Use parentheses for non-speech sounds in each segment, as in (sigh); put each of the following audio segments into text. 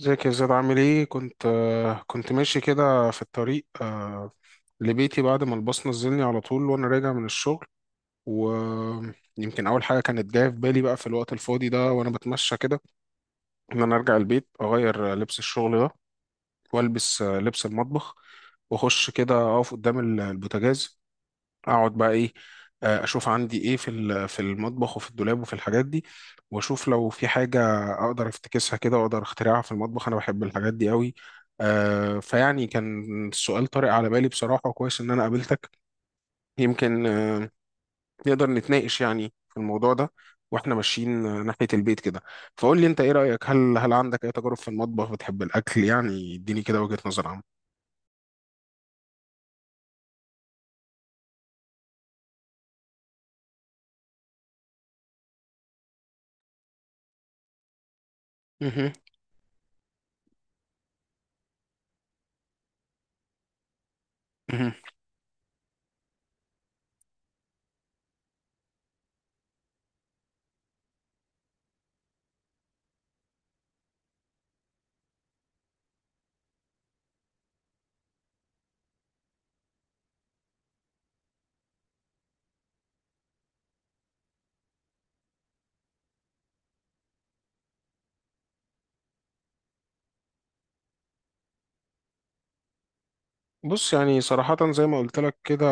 ازيك يا زياد عامل ايه؟ كنت كنت ماشي كده في الطريق، لبيتي بعد ما الباص نزلني على طول وانا راجع من الشغل. ويمكن اول حاجه كانت جايه في بالي بقى في الوقت الفاضي ده وانا بتمشى كده ان انا ارجع البيت اغير لبس الشغل ده والبس لبس المطبخ، واخش كده اقف قدام البوتاجاز، اقعد بقى ايه. اشوف عندي ايه في في المطبخ وفي الدولاب وفي الحاجات دي، واشوف لو في حاجه اقدر افتكسها كده واقدر اخترعها في المطبخ. انا بحب الحاجات دي قوي. فيعني كان السؤال طارئ على بالي بصراحه، وكويس ان انا قابلتك. يمكن نقدر نتناقش يعني في الموضوع ده واحنا ماشيين ناحيه البيت كده. فقول لي انت ايه رايك، هل عندك اي تجارب في المطبخ؟ بتحب الاكل؟ يعني اديني كده وجهه نظر عامه. مهم. مهم. بص، يعني صراحة زي ما قلت لك كده،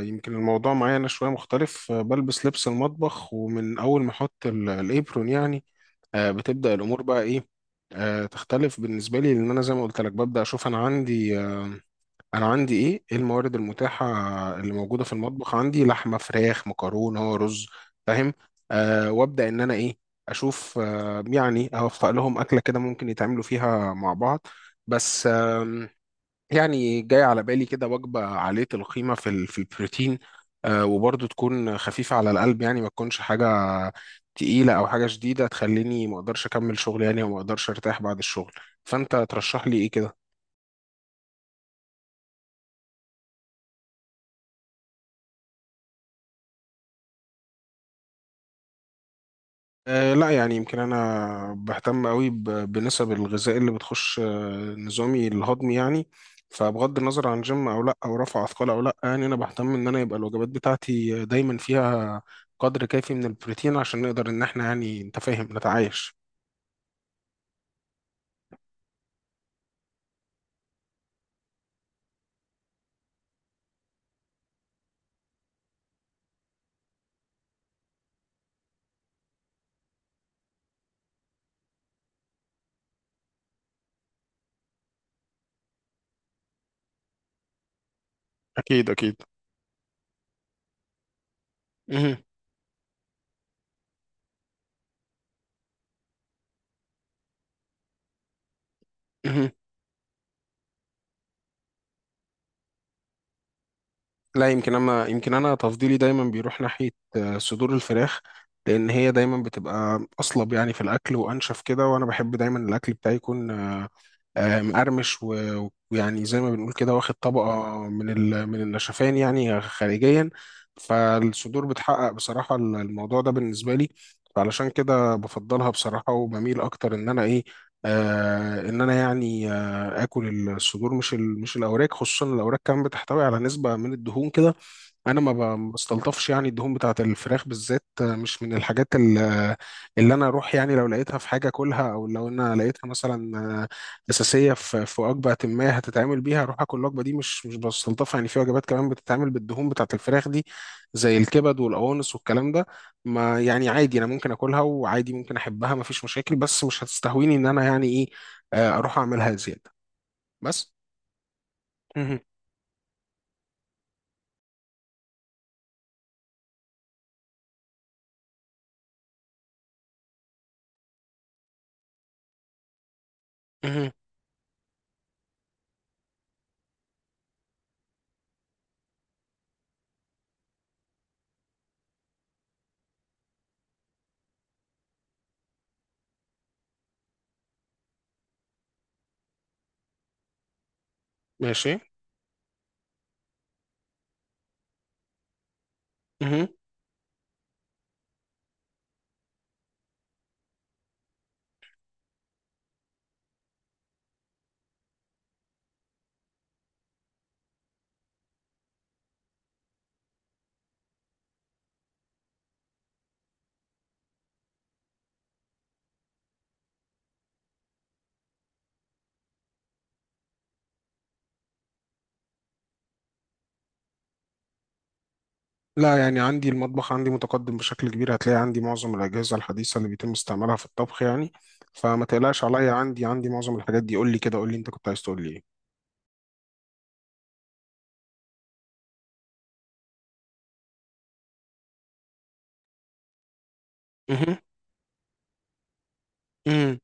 يمكن الموضوع معايا أنا شوية مختلف. بلبس لبس المطبخ، ومن أول ما أحط الإبرون يعني بتبدأ الأمور بقى إيه، تختلف بالنسبة لي. لأن أنا زي ما قلت لك ببدأ أشوف أنا عندي أنا عندي إيه الموارد المتاحة اللي موجودة في المطبخ. عندي لحمة، فراخ، مكرونة، رز. فاهم؟ وأبدأ إن أنا إيه، أشوف يعني أوفق لهم أكلة كده ممكن يتعاملوا فيها مع بعض. بس يعني جاي على بالي كده وجبة عالية القيمة في في البروتين، وبرضه تكون خفيفة على القلب، يعني ما تكونش حاجة تقيلة أو حاجة شديدة تخليني ما أقدرش أكمل شغل، يعني وما أقدرش أرتاح بعد الشغل. فأنت ترشح لي إيه كده؟ أه، لا يعني، يمكن انا بهتم قوي بنسب الغذاء اللي بتخش نظامي الهضمي يعني. فبغض النظر عن جيم او لا، او رفع اثقال او لا، يعني انا بهتم ان انا يبقى الوجبات بتاعتي دايما فيها قدر كافي من البروتين عشان نقدر ان احنا يعني انت فاهم نتعايش. اكيد اكيد. مهم. مهم. لا، يمكن انا تفضيلي دايما بيروح ناحيه صدور الفراخ، لان هي دايما بتبقى اصلب يعني في الاكل وانشف كده، وانا بحب دايما الاكل بتاعي يكون مقرمش ويعني زي ما بنقول كده واخد طبقه من من النشفان يعني خارجيا. فالصدور بتحقق بصراحه الموضوع ده بالنسبه لي، فعلشان كده بفضلها بصراحه. وبميل اكتر ان انا ايه، آه، ان انا يعني اكل الصدور مش مش الاوراق. خصوصا الاوراق كمان بتحتوي على نسبه من الدهون كده، انا ما بستلطفش يعني الدهون بتاعه الفراخ بالذات. مش من الحاجات اللي انا اروح يعني لو لقيتها في حاجه اكلها، او لو انا لقيتها مثلا آه، اساسيه في وجبه ما هتتعمل بيها اروح اكل الوجبه دي، مش بستلطفها يعني. في وجبات كمان بتتعمل بالدهون بتاعه الفراخ دي، زي الكبد والقوانص والكلام ده، ما يعني عادي انا ممكن اكلها وعادي ممكن احبها، ما فيش مشاكل، بس مش هتستهويني ان انا يعني ايه، اروح اعملها زياده بس. مهم. مهم. ماشي. مهم. لا يعني عندي المطبخ عندي متقدم بشكل كبير، هتلاقي عندي معظم الأجهزة الحديثة اللي بيتم استعمالها في الطبخ يعني. فما تقلقش عليا، عندي معظم الحاجات دي. قول لي كده، قول لي انت كنت عايز تقول لي ايه. مهم. مهم.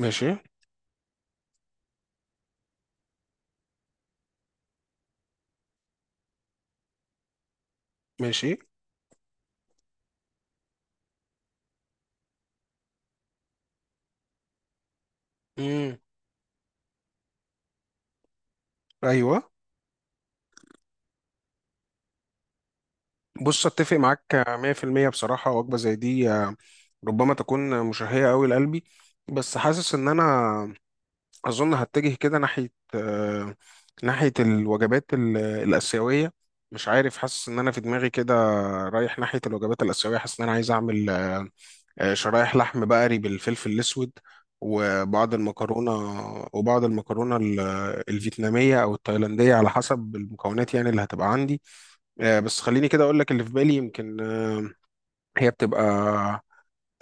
ماشي. ماشي. مهم. ايوه. بص، اتفق معاك 100% بصراحة. وجبة زي دي ربما تكون مشهية قوي لقلبي. بس حاسس ان انا أظن هتجه كده ناحية ناحية الوجبات الآسيوية. مش عارف، حاسس إن أنا في دماغي كده رايح ناحية الوجبات الآسيوية. حاسس إن أنا عايز أعمل شرايح لحم بقري بالفلفل الأسود وبعض المكرونة. وبعض المكرونة ال- الفيتنامية أو التايلاندية على حسب المكونات يعني اللي هتبقى عندي. بس خليني كده أقول لك اللي في بالي. يمكن هي بتبقى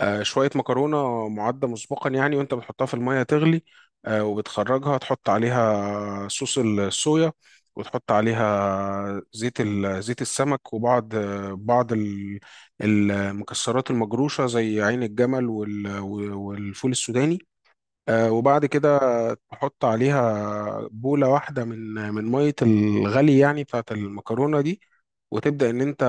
شوية مكرونة معدة مسبقا، يعني وانت بتحطها في المية تغلي وبتخرجها تحط عليها صوص الصويا، وتحط عليها زيت زيت السمك، وبعض بعض المكسرات المجروشة زي عين الجمل والفول السوداني. وبعد كده تحط عليها بولة واحدة من من مية الغلي يعني بتاعت المكرونة دي، وتبدأ إن أنت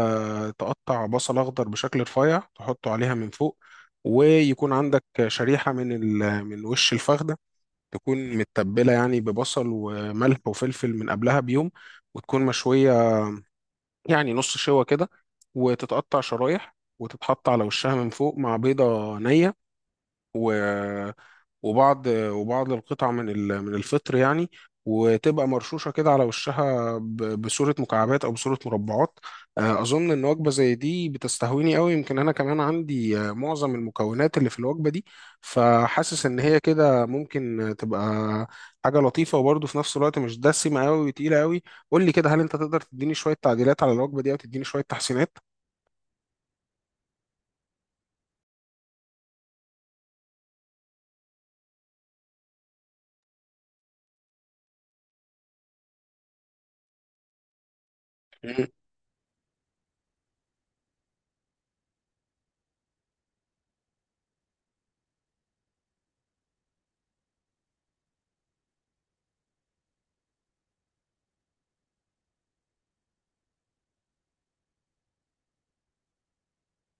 تقطع بصل أخضر بشكل رفيع تحطه عليها من فوق. ويكون عندك شريحة من ال... من وش الفخدة، تكون متبلة يعني ببصل وملح وفلفل من قبلها بيوم، وتكون مشوية يعني نص شوى كده، وتتقطع شرايح وتتحط على وشها من فوق مع بيضة نية. و... وبعض القطع من من الفطر يعني، وتبقى مرشوشه كده على وشها بصوره مكعبات او بصوره مربعات. اظن ان وجبه زي دي بتستهويني قوي. يمكن انا كمان عندي معظم المكونات اللي في الوجبه دي، فحاسس ان هي كده ممكن تبقى حاجه لطيفه، وبرضه في نفس الوقت مش دسمه قوي وتقيله قوي. قول لي كده، هل انت تقدر تديني شويه تعديلات على الوجبه دي او تديني شويه تحسينات؟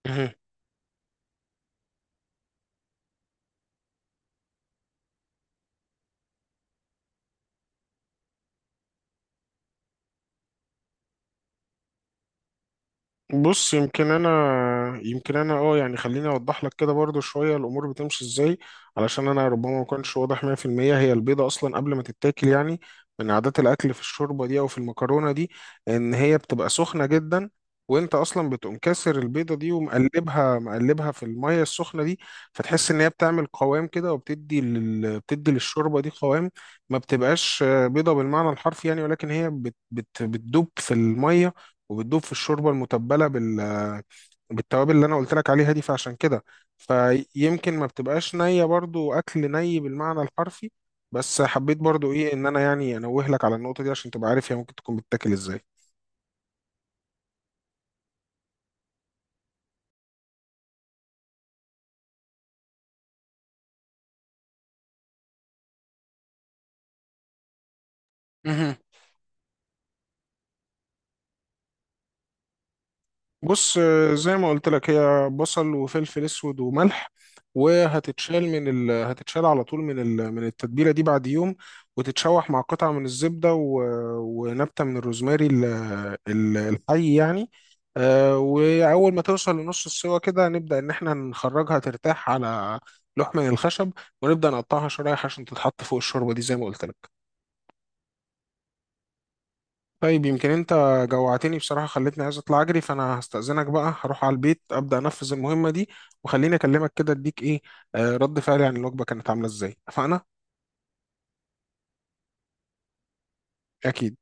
(laughs) بص يمكن انا اه يعني خليني اوضح لك كده برضو شويه الامور بتمشي ازاي، علشان انا ربما ما كنتش واضح 100%. هي البيضه اصلا قبل ما تتاكل يعني من عادات الاكل في الشوربه دي او في المكرونه دي، ان هي بتبقى سخنه جدا، وانت اصلا بتقوم كاسر البيضه دي ومقلبها في الميه السخنه دي. فتحس ان هي بتعمل قوام كده، بتدي للشوربه دي قوام. ما بتبقاش بيضه بالمعنى الحرفي يعني، ولكن هي بتدوب في الميه، وبتدوب في الشوربه المتبله بالتوابل اللي انا قلت لك عليها دي. فعشان كده فيمكن ما بتبقاش نيه، برضو اكل ني بالمعنى الحرفي، بس حبيت برضو ايه ان انا يعني انوه لك على النقطه دي عشان تبقى عارف هي ممكن تكون بتتاكل ازاي. بص، زي ما قلت لك هي بصل وفلفل اسود وملح، وهتتشال من ال... هتتشال على طول من ال... من التتبيله دي بعد يوم، وتتشوح مع قطعه من الزبده، و... ونبته من الروزماري ال... الحي يعني. واول ما توصل لنص السوا كده، نبدا ان احنا نخرجها ترتاح على لوح من الخشب، ونبدا نقطعها شرايح عشان تتحط فوق الشوربه دي زي ما قلت لك. طيب، يمكن انت جوعتني بصراحة، خلتني عايز اطلع اجري. فانا هستأذنك بقى، هروح على البيت ابدأ انفذ المهمة دي، وخليني اكلمك كده اديك ايه آه، رد فعلي عن الوجبة كانت عاملة ازاي. اتفقنا؟ اكيد.